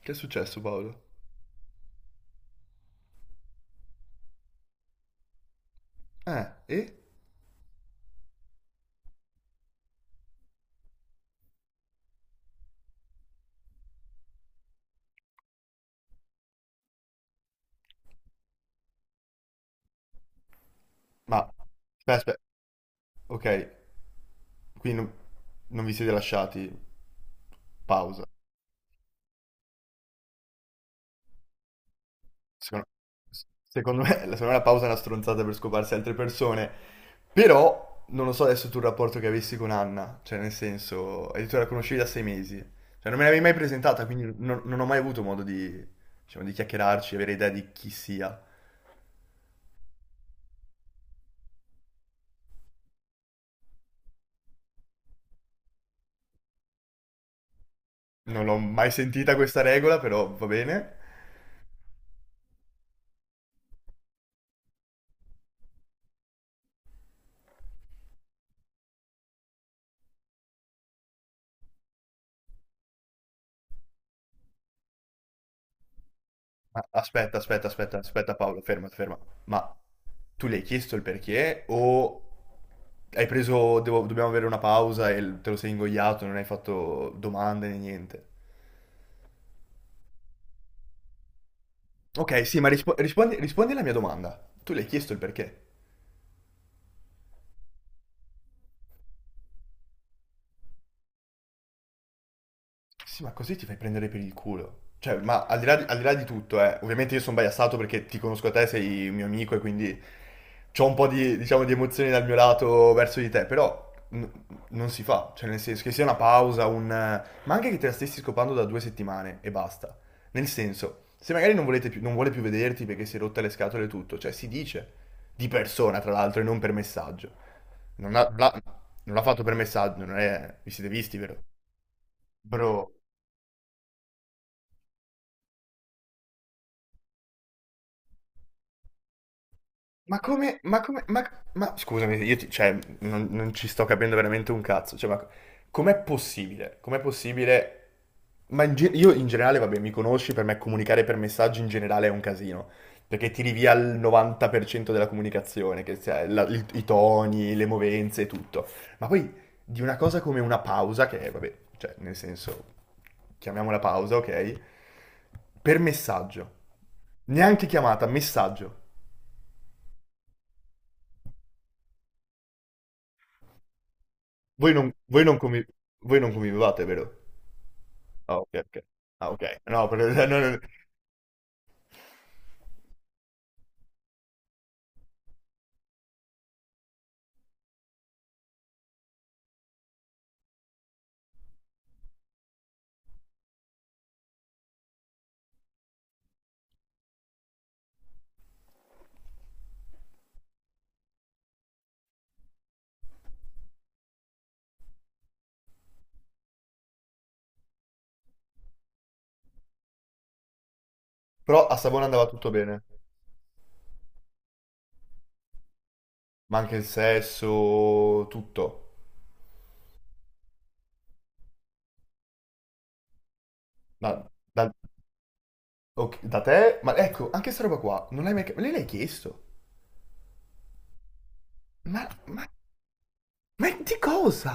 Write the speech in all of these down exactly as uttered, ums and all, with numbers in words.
Che è successo, Paolo? Eh, e? Ma, aspetta, aspetta, ok, qui non, non vi siete lasciati pausa. Secondo, secondo me, secondo me la pausa è una stronzata per scoparsi altre persone, però non lo so adesso tu il rapporto che avessi con Anna, cioè nel senso, hai detto che la conoscevi da sei mesi, cioè non me l'avevi mai presentata, quindi non, non ho mai avuto modo di, diciamo, di chiacchierarci, avere idea di chi sia. Non l'ho mai sentita questa regola, però va bene. Ma aspetta, aspetta, aspetta, aspetta, Paolo, ferma, ferma. Ma tu le hai chiesto il perché o hai preso, devo- dobbiamo avere una pausa e te lo sei ingoiato, non hai fatto domande né niente? Ok, sì, ma rispo- rispondi, rispondi alla mia domanda. Tu le hai chiesto il perché? Sì, ma così ti fai prendere per il culo. Cioè, ma al di là di, al di là di tutto, eh, ovviamente io sono biasato perché ti conosco a te, sei un mio amico e quindi c'ho un po' di, diciamo, di emozioni dal mio lato verso di te, però n- non si fa. Cioè, nel senso che sia una pausa, un... ma anche che te la stessi scopando da due settimane e basta. Nel senso, se magari non volete più- non vuole più vederti perché si è rotta le scatole e tutto, cioè si dice di persona, tra l'altro, e non per messaggio. Non ha- l'ha non l'ha fatto per messaggio, non è... vi siete visti, vero? Bro. Ma come, ma come, ma, ma- scusami, io ti- cioè, non, non ci sto capendo veramente un cazzo, cioè, ma com'è possibile? Com'è possibile? Ma in ge- io in generale, vabbè, mi conosci, per me comunicare per messaggi in generale è un casino, perché tiri via il novanta per cento della comunicazione, che sia la- il- i toni, le movenze e tutto. Ma poi di una cosa come una pausa, che è, vabbè, cioè, nel senso, chiamiamola pausa, ok? Per messaggio. Neanche chiamata, messaggio. Voi non, voi non convi- voi non convivevate, vero? Ah, ok, ok. Ah, ok. No, per- no, no, no. Però a Savona andava tutto bene. Ma anche il sesso, tutto. Ma da, ok, da te? Ma ecco, anche sta roba qua, non l'hai mai. ch- Lei l'hai chiesto? Ma, ma, ma di cosa?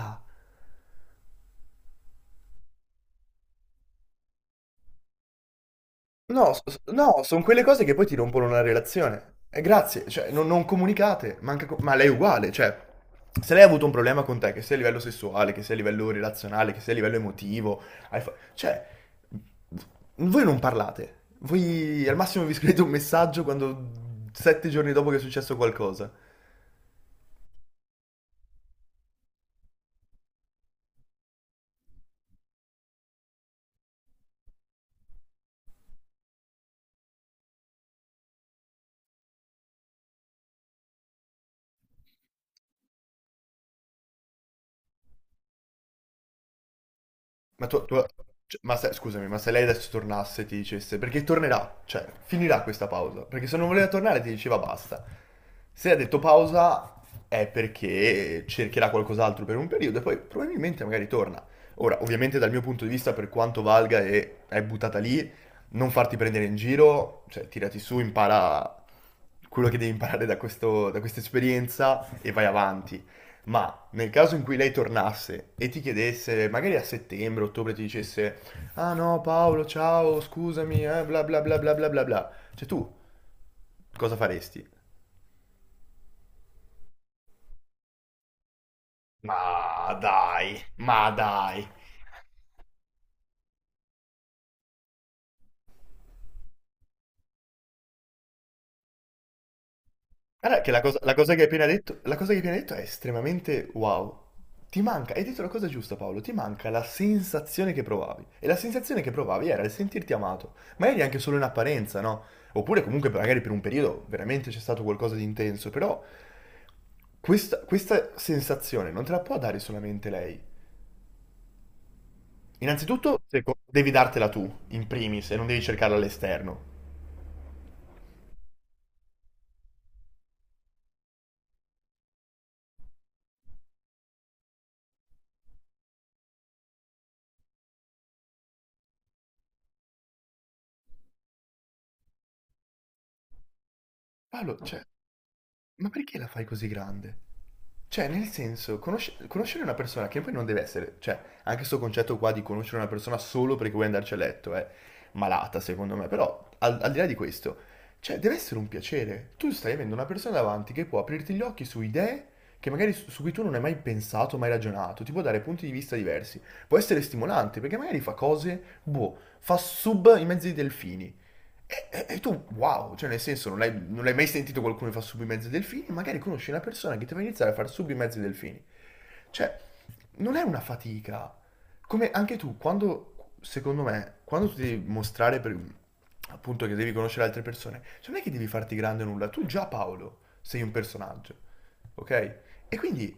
No, s- no, sono quelle cose che poi ti rompono una relazione. E grazie, cioè, non, non comunicate, ma, anche co- ma lei è uguale, cioè, se lei ha avuto un problema con te, che sia a livello sessuale, che sia a livello relazionale, che sia a livello emotivo, hai fa- cioè, voi non parlate, voi al massimo vi scrivete un messaggio quando sette giorni dopo che è successo qualcosa. Ma tu, tu- cioè, ma se, scusami, ma se lei adesso tornasse e ti dicesse, perché tornerà, cioè, finirà questa pausa, perché se non voleva tornare ti diceva basta. Se ha detto pausa è perché cercherà qualcos'altro per un periodo e poi probabilmente magari torna. Ora, ovviamente dal mio punto di vista, per quanto valga e è buttata lì, non farti prendere in giro, cioè tirati su, impara quello che devi imparare da questo- da questa esperienza e vai avanti. Ma nel caso in cui lei tornasse e ti chiedesse, magari a settembre, ottobre, ti dicesse, ah no Paolo, ciao, scusami, eh, bla bla bla bla bla bla bla, cioè tu cosa faresti? Ma dai, ma dai. Guarda che la cosa, la cosa che hai appena detto, la cosa che hai appena detto è estremamente wow. Ti manca, hai detto la cosa giusta Paolo, ti manca la sensazione che provavi. E la sensazione che provavi era il sentirti amato, ma eri anche solo in apparenza, no? Oppure comunque magari per un periodo veramente c'è stato qualcosa di intenso, però questa, questa sensazione non te la può dare solamente lei. Innanzitutto seco- devi dartela tu, in primis, e non devi cercarla all'esterno. Paolo, cioè, ma perché la fai così grande? Cioè, nel senso, conosce- conoscere una persona che poi non deve essere, cioè, anche questo concetto qua di conoscere una persona solo perché vuoi andarci a letto è malata, secondo me, però al, al di là di questo, cioè, deve essere un piacere. Tu stai avendo una persona davanti che può aprirti gli occhi su idee che magari su, su cui tu non hai mai pensato, mai ragionato, ti può dare punti di vista diversi. Può essere stimolante perché magari fa cose, boh, fa sub in mezzo ai delfini, e, e tu, wow, cioè nel senso non l'hai, non l'hai mai sentito qualcuno che fa sub i mezzi delfini, magari conosci una persona che ti fa iniziare a fare sub i mezzi delfini. Cioè, non è una fatica. Come anche tu, quando, secondo me, quando tu devi mostrare per, appunto che devi conoscere altre persone, cioè non è che devi farti grande nulla, tu già Paolo sei un personaggio, ok? E quindi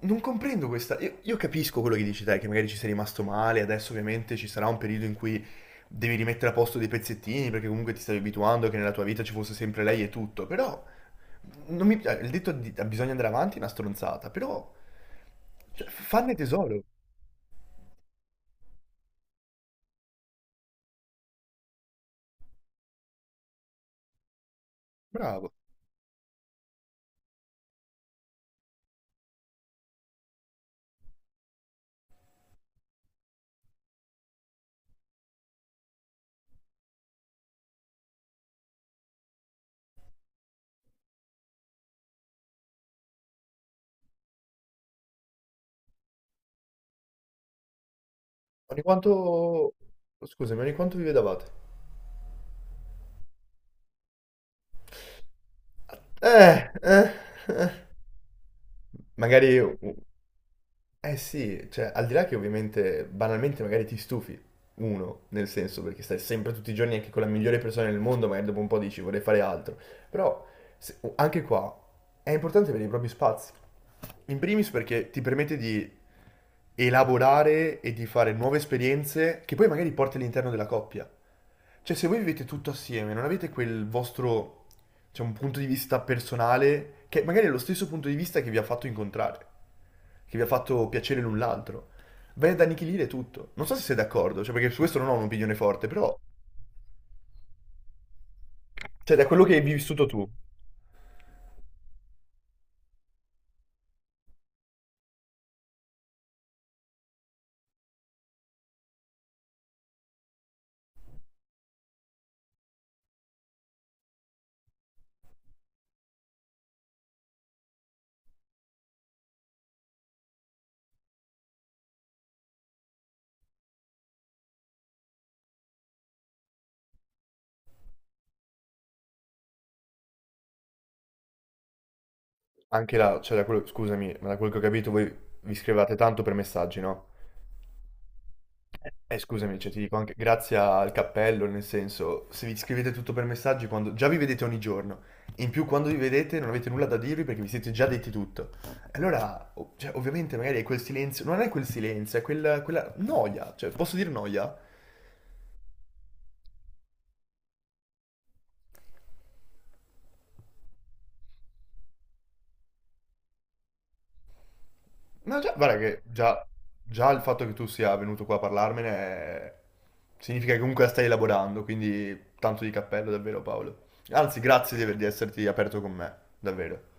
non comprendo questa. Io, io capisco quello che dici te, che magari ci sei rimasto male, adesso ovviamente ci sarà un periodo in cui devi rimettere a posto dei pezzettini perché comunque ti stavi abituando che nella tua vita ci fosse sempre lei e tutto, però non mi, eh, il detto di, "Ah, bisogna andare avanti è una stronzata, però cioè, f- farne tesoro. Bravo. Ogni quanto... Scusami, ogni quanto vi vedevate? Eh, eh, eh. Magari u- Eh sì, cioè, al di là che ovviamente banalmente magari ti stufi, uno, nel senso, perché stai sempre tutti i giorni anche con la migliore persona del mondo, magari dopo un po' dici vorrei fare altro, però se- anche qua è importante avere i propri spazi. In primis perché ti permette di elaborare e di fare nuove esperienze che poi magari porti all'interno della coppia. Cioè, se voi vivete tutto assieme, non avete quel vostro, cioè, un punto di vista personale che magari è lo stesso punto di vista che vi ha fatto incontrare che vi ha fatto piacere l'un l'altro. Bene ad annichilire tutto. Non so se sei d'accordo, cioè perché su questo non ho un'opinione forte, però cioè da quello che hai vissuto tu, anche là, cioè da quello, scusami, ma da quello che ho capito voi vi scrivate tanto per messaggi, no? Eh, scusami, cioè ti dico anche grazie al cappello, nel senso, se vi scrivete tutto per messaggi quando già vi vedete ogni giorno, in più quando vi vedete non avete nulla da dirvi perché vi siete già detti tutto. Allora, ov- cioè, ovviamente magari è quel silenzio, non è quel silenzio, è quel- quella noia, cioè posso dire noia? No, già, guarda che già, già il fatto che tu sia venuto qua a parlarmene è- significa che comunque la stai elaborando, quindi tanto di cappello davvero Paolo. Anzi, grazie di, aver- di esserti aperto con me, davvero.